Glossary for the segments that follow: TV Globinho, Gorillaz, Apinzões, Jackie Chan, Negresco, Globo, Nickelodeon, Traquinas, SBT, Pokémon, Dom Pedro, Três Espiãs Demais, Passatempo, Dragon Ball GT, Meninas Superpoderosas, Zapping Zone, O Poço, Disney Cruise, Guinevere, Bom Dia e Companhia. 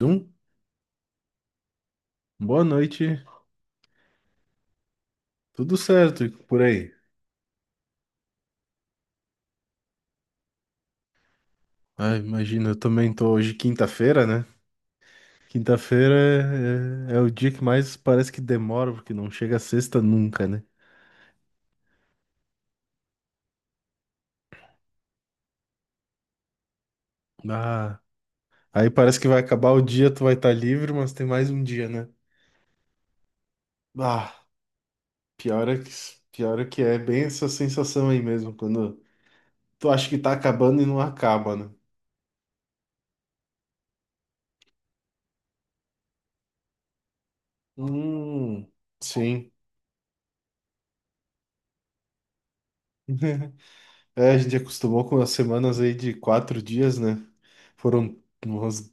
Um, Boa noite, tudo certo e por aí? Ah, imagina, eu também tô hoje quinta-feira, né? Quinta-feira é o dia que mais parece que demora, porque não chega a sexta nunca, né? Ah, aí parece que vai acabar o dia, tu vai estar livre, mas tem mais um dia, né? Ah, pior é que, pior é que é bem essa sensação aí mesmo, quando tu acha que tá acabando e não acaba, né? Hum, sim. É, a gente acostumou com as semanas aí de 4 dias, né? Foram umas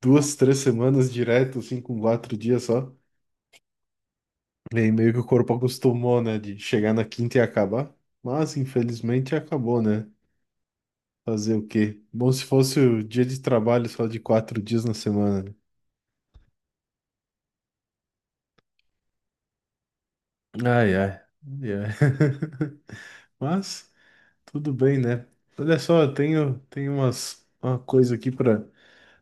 duas, três semanas direto, assim, com 4 dias só. E aí meio que o corpo acostumou, né? De chegar na quinta e acabar. Mas, infelizmente, acabou, né? Fazer o quê? Bom, se fosse o dia de trabalho só de 4 dias na semana, né? Ai, ai. Ai, ai. Mas, tudo bem, né? Olha só, eu tenho uma coisa aqui para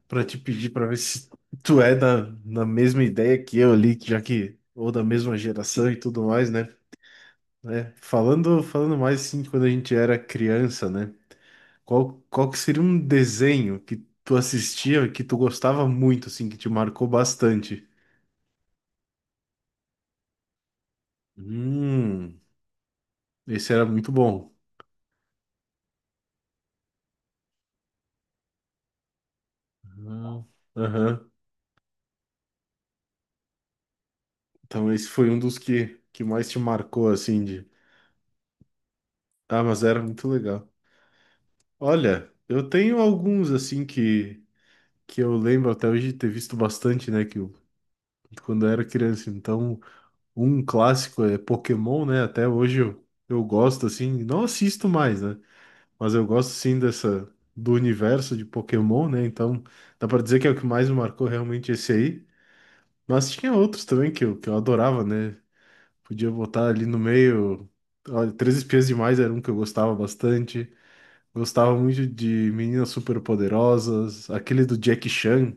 pra te pedir pra ver se tu é na mesma ideia que eu ali, já que, ou da mesma geração e tudo mais, né? É, falando mais assim, de quando a gente era criança, né? Qual que seria um desenho que tu assistia, que tu gostava muito, assim, que te marcou bastante? Hum, Esse era muito bom. Ah, aham. Então esse foi um dos que mais te marcou, assim, de... Ah, mas era muito legal. Olha, eu tenho alguns, assim, que eu lembro até hoje de ter visto bastante, né? Quando eu era criança. Então, um clássico é Pokémon, né? Até hoje eu gosto, assim, não assisto mais, né? Mas eu gosto, sim, dessa, do universo de Pokémon, né? Então, dá pra dizer que é o que mais me marcou realmente esse aí. Mas tinha outros também que eu adorava, né? Podia botar ali no meio. Olha, Três Espiãs Demais era um que eu gostava bastante. Gostava muito de Meninas Superpoderosas, aquele do Jack Chan.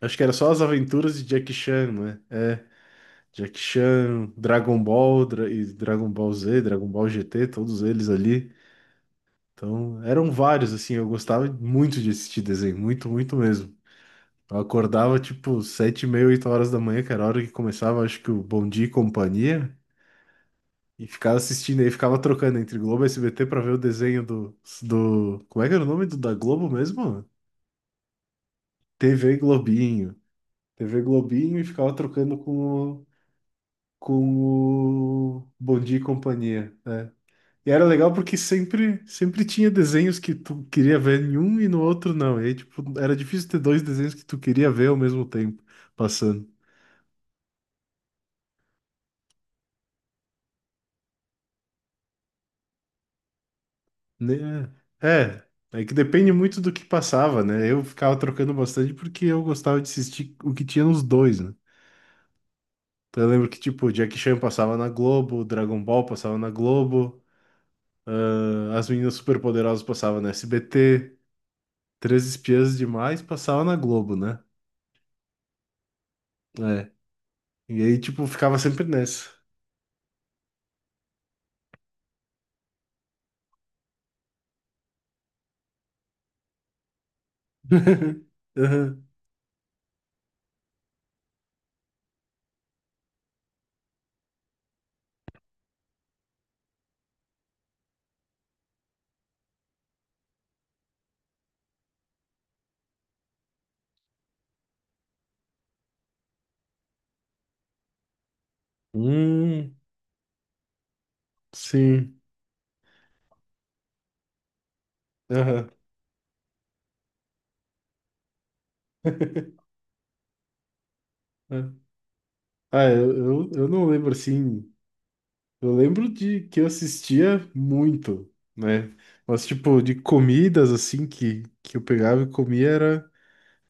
Acho que era só as aventuras de Jackie Chan, né? É, é, Jackie Chan, e Dragon Ball Z, Dragon Ball GT, todos eles ali. Então, eram vários, assim, eu gostava muito de assistir desenho, muito, muito mesmo. Eu acordava, tipo, 7:30, 8 horas da manhã, que era a hora que começava, acho que o Bom Dia e Companhia, e ficava assistindo aí, ficava trocando entre Globo e SBT pra ver o desenho do... Como é que era o nome da Globo mesmo? TV Globinho. TV Globinho e ficava trocando com o Bom Dia e Companhia, né? E era legal porque sempre, sempre tinha desenhos que tu queria ver em um e no outro não. E aí, tipo, era difícil ter dois desenhos que tu queria ver ao mesmo tempo passando. Né? É, é que depende muito do que passava, né? Eu ficava trocando bastante porque eu gostava de assistir o que tinha nos dois, né? Então eu lembro que, tipo, Jackie Chan passava na Globo, Dragon Ball passava na Globo, ah, As Meninas Superpoderosas passava na SBT, Três Espiãs Demais passava na Globo, né? É. E aí, tipo, ficava sempre nessa. Aham. Hum, sim. Aham. É. Ah, eu não lembro assim. Eu lembro de que eu assistia muito, né? Mas, tipo, de comidas assim que eu pegava e comia era.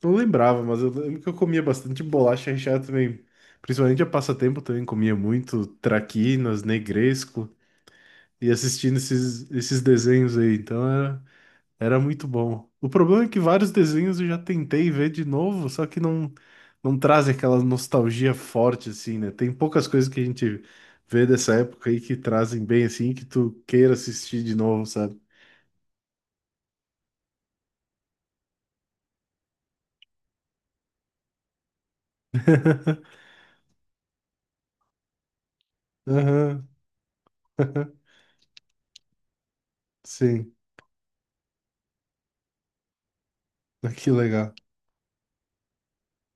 Não lembrava, mas eu lembro que eu comia bastante bolacha recheada também. Principalmente a passatempo também comia muito traquinas, negresco e assistindo esses desenhos aí. Então era muito bom. O problema é que vários desenhos eu já tentei ver de novo, só que não, não traz aquela nostalgia forte, assim, né? Tem poucas coisas que a gente vê dessa época aí que trazem bem, assim, que tu queira assistir de novo, sabe? Aham, sim. Ah, que legal.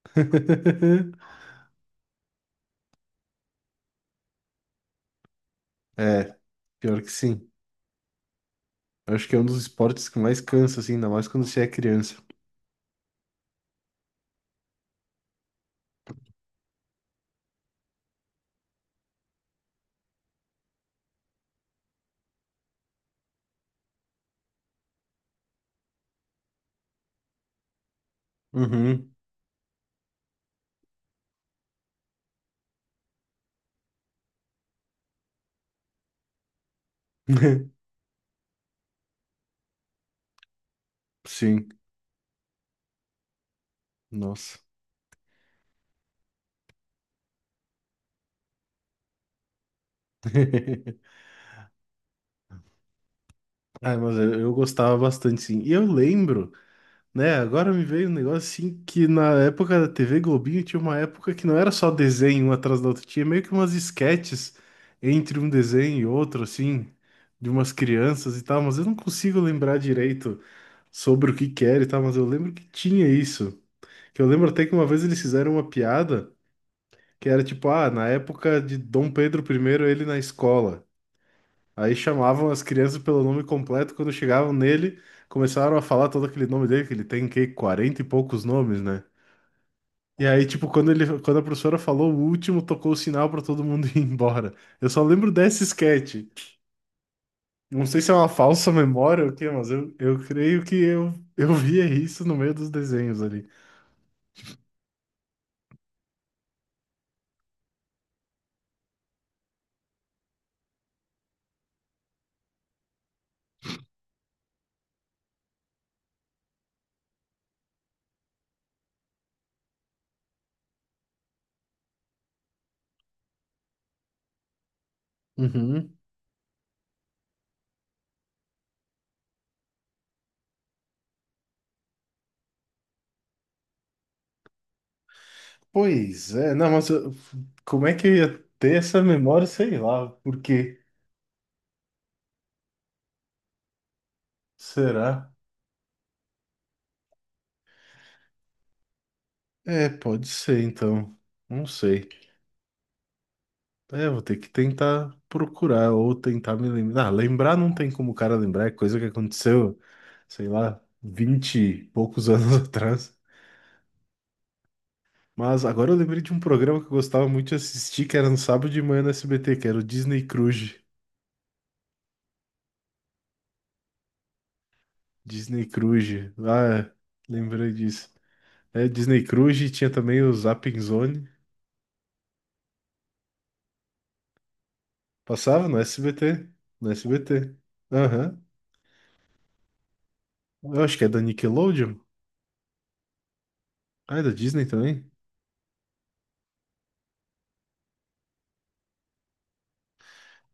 É, pior que sim. Eu acho que é um dos esportes que mais cansa, assim, ainda mais quando você é criança. Uhum. Sim, nossa. Ah, mas eu gostava bastante, sim. E eu lembro. Né, agora me veio um negócio assim que na época da TV Globinho tinha uma época que não era só desenho um atrás da outra, tinha meio que umas esquetes entre um desenho e outro, assim, de umas crianças e tal, mas eu não consigo lembrar direito sobre o que que era e tal, mas eu lembro que tinha isso. Que eu lembro até que uma vez eles fizeram uma piada que era tipo, ah, na época de Dom Pedro primeiro ele na escola. Aí chamavam as crianças pelo nome completo, quando chegavam nele, começaram a falar todo aquele nome dele, que ele tem que 40 e poucos nomes, né? E aí, tipo, quando a professora falou o último, tocou o sinal pra todo mundo ir embora. Eu só lembro desse sketch. Não sei se é uma falsa memória ou o quê, mas eu creio que eu via isso no meio dos desenhos ali. Uhum. Pois é, não, como é que eu ia ter essa memória? Sei lá, por quê? Será? É, pode ser então. Não sei. É, vou ter que tentar procurar ou tentar me lembrar. Ah, lembrar não tem como o cara lembrar, é coisa que aconteceu, sei lá, 20 e poucos anos atrás. Mas agora eu lembrei de um programa que eu gostava muito de assistir, que era no sábado de manhã no SBT, que era o Disney Cruise. Disney Cruise. Ah, é, lembrei disso. É, Disney Cruise e tinha também o Zapping Zone. Passava no SBT. No SBT. Aham. Eu acho que é da Nickelodeon. Ah, é da Disney também?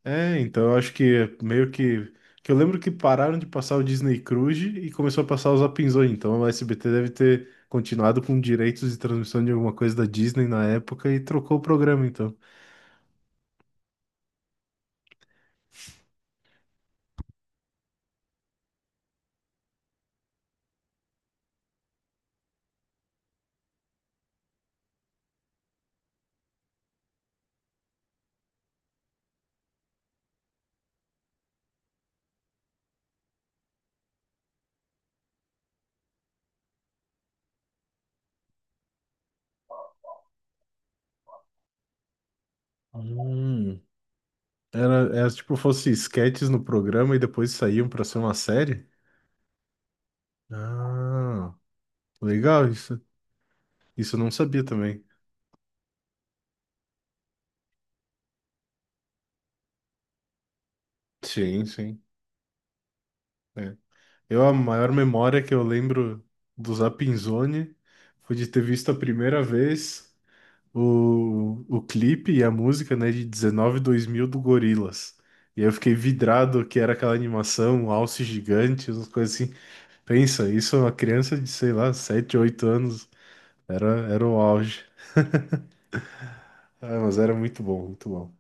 É, então eu acho que meio que. Que eu lembro que pararam de passar o Disney Cruise e começou a passar os Apinzões. Então o SBT deve ter continuado com direitos de transmissão de alguma coisa da Disney na época e trocou o programa, então. Hum, era tipo fosse sketches no programa e depois saíam pra ser uma série? Ah, legal isso. Isso eu não sabia também. Sim, sim. É. Eu, a maior memória que eu lembro do Zapinzone foi de ter visto a primeira vez. O clipe e a música, né, de 19 2000 do Gorillaz. E aí eu fiquei vidrado que era aquela animação, um alce gigante, umas coisas assim. Pensa, isso é uma criança de, sei lá, 7 8 anos. Era, era o auge. Ah, mas era muito bom, muito bom.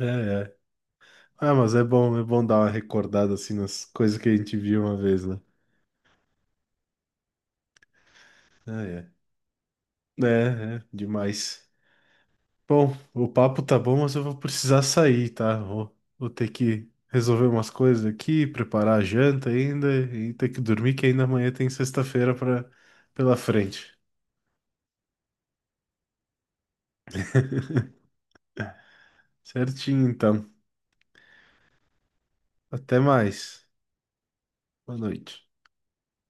É, é. Ah, mas é bom dar uma recordada assim nas coisas que a gente viu uma vez, né? Ah, é. É, é, demais. Bom, o papo tá bom, mas eu vou precisar sair, tá? Vou ter que resolver umas coisas aqui, preparar a janta ainda e ter que dormir, que ainda amanhã tem sexta-feira para pela frente. Certinho, então. Até mais. Boa noite.